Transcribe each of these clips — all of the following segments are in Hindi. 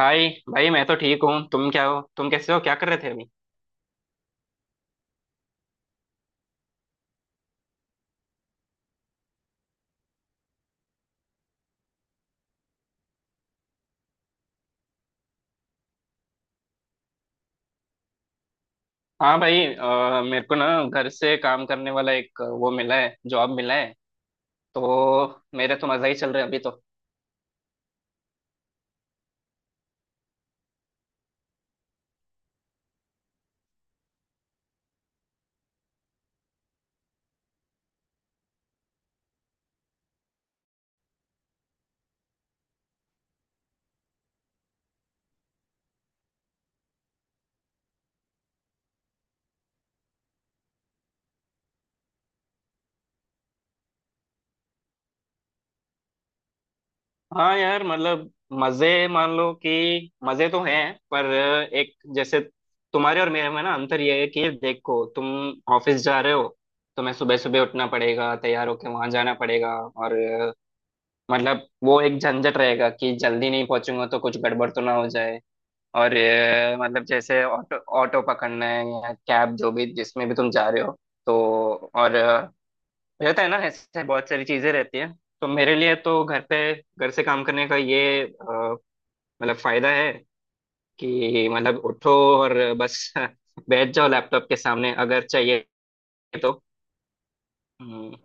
हाय भाई। मैं तो ठीक हूँ। तुम क्या हो? तुम कैसे हो? क्या कर रहे थे अभी? हाँ भाई, मेरे को ना घर से काम करने वाला एक वो मिला है, जॉब मिला है। तो मेरे तो मजा ही चल रहे हैं अभी तो। हाँ यार, मतलब मजे मान लो कि मजे तो हैं, पर एक जैसे तुम्हारे और मेरे में ना अंतर ये है कि देखो, तुम ऑफिस जा रहे हो। तुम्हें सुबह सुबह उठना पड़ेगा, तैयार होके वहां जाना पड़ेगा, और मतलब वो एक झंझट रहेगा कि जल्दी नहीं पहुंचूंगा तो कुछ गड़बड़ तो ना हो जाए। और मतलब जैसे ऑटो ऑटो पकड़ना है या कैब, जो भी जिसमें भी तुम जा रहे हो तो। और रहता है ना, ऐसे बहुत सारी चीजें रहती है। तो मेरे लिए तो घर पे, घर से काम करने का ये मतलब फायदा है कि मतलब उठो और बस बैठ जाओ लैपटॉप के सामने अगर चाहिए तो। हम्म।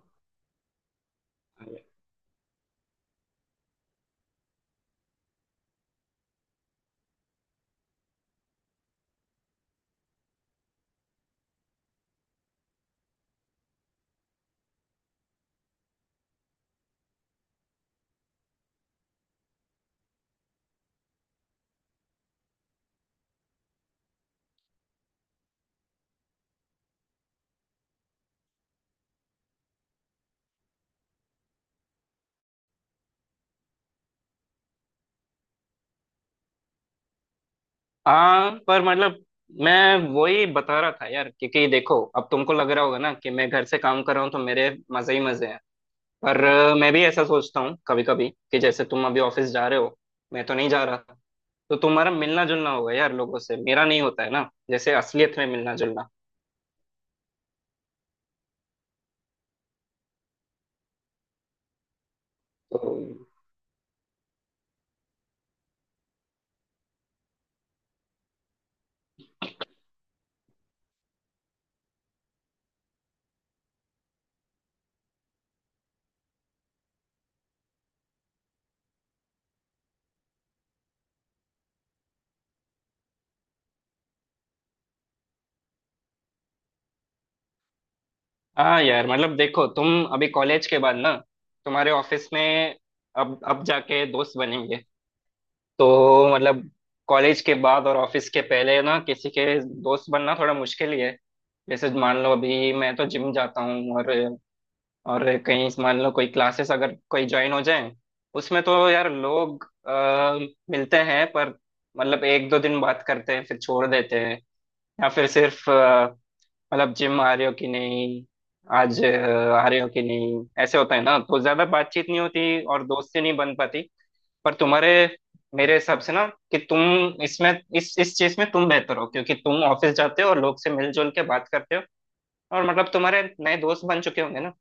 हाँ, पर मतलब मैं वही बता रहा था यार, क्योंकि देखो, अब तुमको लग रहा होगा ना कि मैं घर से काम कर रहा हूँ तो मेरे मजे ही मजे हैं। पर मैं भी ऐसा सोचता हूँ कभी कभी कि जैसे तुम अभी ऑफिस जा रहे हो, मैं तो नहीं जा रहा। तो तुम्हारा मिलना जुलना होगा यार लोगों से, मेरा नहीं होता है ना, जैसे असलियत में मिलना जुलना। तो हाँ यार, मतलब देखो, तुम अभी कॉलेज के बाद ना, तुम्हारे ऑफिस में अब जाके दोस्त बनेंगे। तो मतलब कॉलेज के बाद और ऑफिस के पहले ना किसी के दोस्त बनना थोड़ा मुश्किल ही है। जैसे मान लो अभी मैं तो जिम जाता हूँ, और कहीं मान लो कोई क्लासेस अगर कोई ज्वाइन हो जाए, उसमें तो यार लोग मिलते हैं, पर मतलब एक दो दिन बात करते हैं फिर छोड़ देते हैं। या फिर सिर्फ मतलब जिम आ रहे हो कि नहीं, आज आ रहे हो कि नहीं, ऐसे होता है ना, तो ज्यादा बातचीत नहीं होती और दोस्ती नहीं बन पाती। पर तुम्हारे, मेरे हिसाब से ना, कि तुम इसमें इस चीज में तुम बेहतर हो क्योंकि तुम ऑफिस जाते हो और लोग से मिलजुल के बात करते हो, और मतलब तुम्हारे नए दोस्त बन चुके होंगे ना।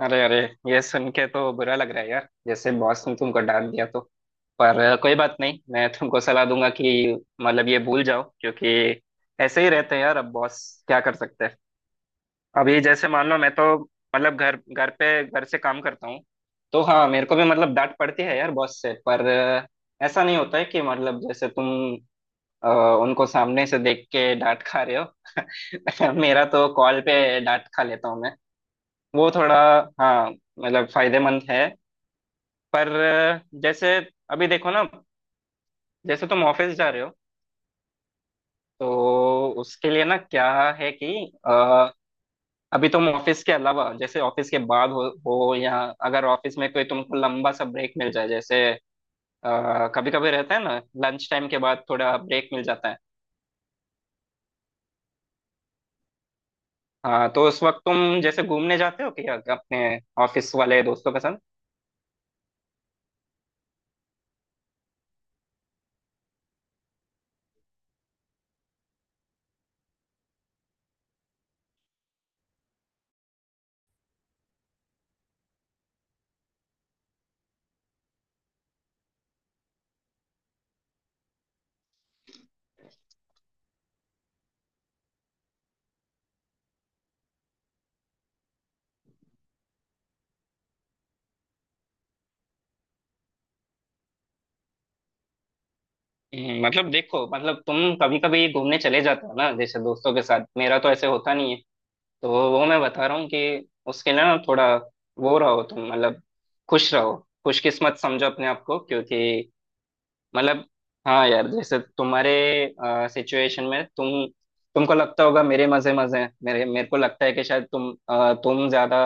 अरे अरे, ये सुन के तो बुरा लग रहा है यार, जैसे बॉस ने तुमको डांट दिया तो। पर कोई बात नहीं, मैं तुमको सलाह दूंगा कि मतलब ये भूल जाओ, क्योंकि ऐसे ही रहते हैं यार अब बॉस, क्या कर सकते हैं। अभी जैसे मान लो, मैं तो मतलब घर, घर पे, घर से काम करता हूँ, तो हाँ मेरे को भी मतलब डांट पड़ती है यार बॉस से, पर ऐसा नहीं होता है कि मतलब जैसे तुम अ, उनको सामने से देख के डांट खा रहे हो। मेरा तो कॉल पे डांट खा लेता हूँ मैं, वो थोड़ा, हाँ मतलब फायदेमंद है। पर जैसे अभी देखो ना, जैसे तुम ऑफिस जा रहे हो, तो उसके लिए ना क्या है कि अ, अभी तुम ऑफिस के अलावा, जैसे ऑफिस के बाद हो या अगर ऑफिस में कोई तुमको लंबा सा ब्रेक मिल जाए, जैसे कभी कभी रहता है ना, लंच टाइम के बाद थोड़ा ब्रेक मिल जाता है। हाँ, तो उस वक्त तुम जैसे घूमने जाते हो क्या अपने ऑफिस वाले दोस्तों के साथ? मतलब देखो, मतलब तुम कभी कभी घूमने चले जाते हो ना जैसे दोस्तों के साथ, मेरा तो ऐसे होता नहीं है, तो वो मैं बता रहा हूँ कि उसके लिए ना थोड़ा वो रहो तुम, मतलब खुश रहो, खुशकिस्मत समझो अपने आप को क्योंकि मतलब हाँ यार, जैसे तुम्हारे सिचुएशन में तुमको लगता होगा मेरे मजे मजे हैं। मेरे मेरे को लगता है कि शायद तुम ज्यादा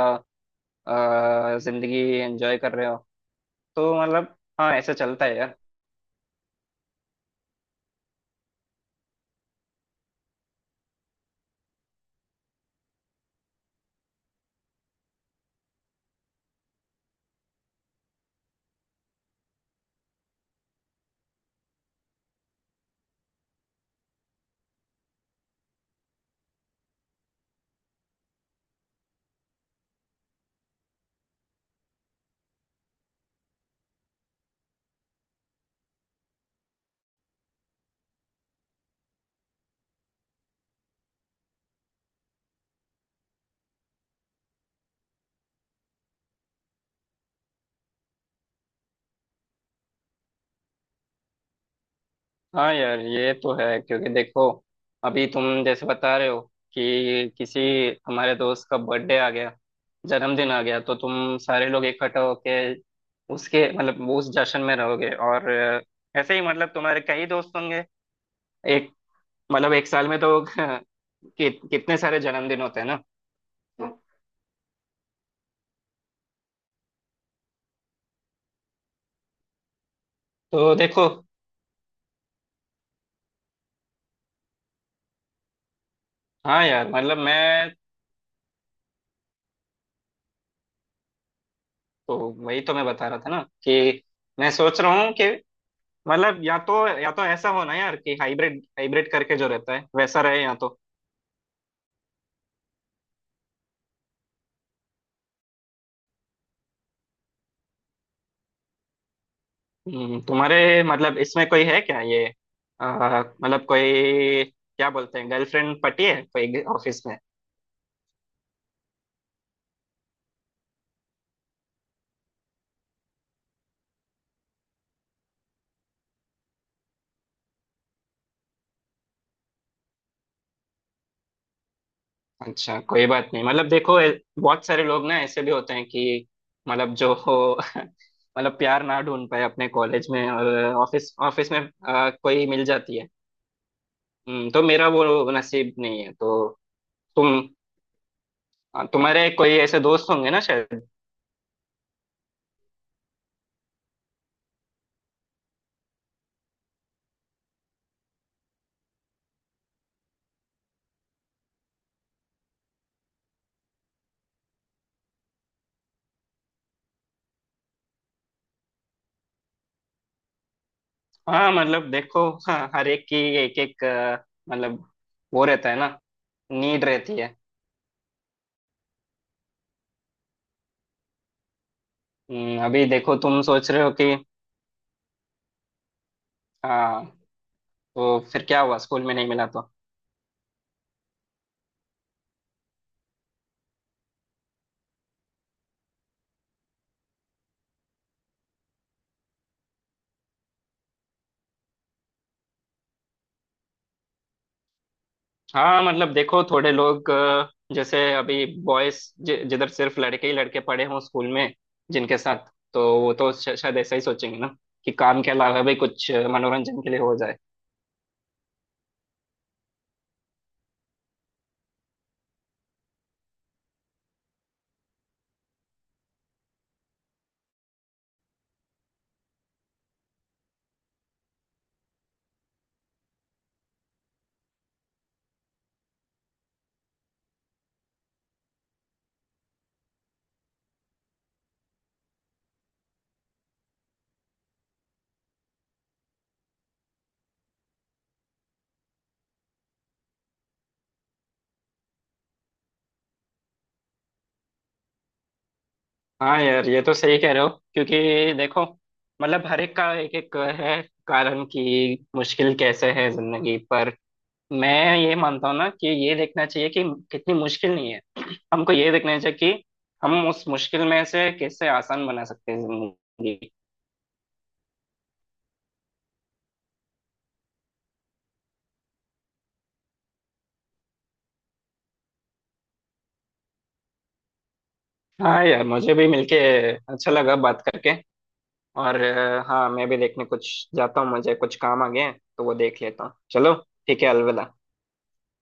जिंदगी एंजॉय कर रहे हो। तो मतलब हाँ ऐसे चलता है यार। हाँ यार, ये तो है क्योंकि देखो, अभी तुम जैसे बता रहे हो कि किसी हमारे दोस्त का बर्थडे आ गया, जन्मदिन आ गया, तो तुम सारे लोग इकट्ठा होके उसके मतलब वो उस जश्न में रहोगे, और ऐसे ही मतलब तुम्हारे कई दोस्त होंगे। एक, मतलब एक साल में तो कितने सारे जन्मदिन होते हैं ना? तो देखो, हाँ यार मतलब मैं तो, वही तो मैं बता रहा था ना कि मैं सोच रहा हूँ कि मतलब या तो, ऐसा होना यार कि हाइब्रिड हाइब्रिड करके जो रहता है वैसा रहे, या तो। तुम्हारे मतलब इसमें कोई है क्या, ये मतलब कोई, क्या बोलते हैं, गर्लफ्रेंड पटी है कोई ऑफिस में? अच्छा कोई बात नहीं, मतलब देखो, बहुत सारे लोग ना ऐसे भी होते हैं कि मतलब, जो हो। मतलब प्यार ना ढूंढ पाए अपने कॉलेज में, और ऑफिस ऑफिस में कोई मिल जाती है। तो मेरा वो नसीब नहीं है, तो तुम तुम्हारे कोई ऐसे दोस्त होंगे ना शायद। हाँ मतलब देखो, हाँ, हर एक की, एक एक मतलब वो रहता है ना, नीड रहती है। अभी देखो तुम सोच रहे हो कि हाँ, तो फिर क्या हुआ, स्कूल में नहीं मिला तो। हाँ मतलब देखो, थोड़े लोग जैसे अभी बॉयज जिधर सिर्फ लड़के ही लड़के पढ़े हों स्कूल में, जिनके साथ, तो वो तो शायद ऐसा ही सोचेंगे ना कि काम के अलावा भी कुछ मनोरंजन के लिए हो जाए। हाँ यार ये तो सही कह रहे हो क्योंकि देखो, मतलब हर एक का एक एक है कारण कि मुश्किल कैसे है जिंदगी पर। मैं ये मानता हूँ ना कि ये देखना चाहिए कि कितनी मुश्किल नहीं है, हमको ये देखना चाहिए कि हम उस मुश्किल में से कैसे आसान बना सकते हैं जिंदगी। हाँ यार, मुझे भी मिलके अच्छा लगा बात करके। और हाँ, मैं भी देखने कुछ जाता हूँ, मुझे कुछ काम आ गए हैं, तो वो देख लेता हूँ, चलो। ठीक है, अलविदा।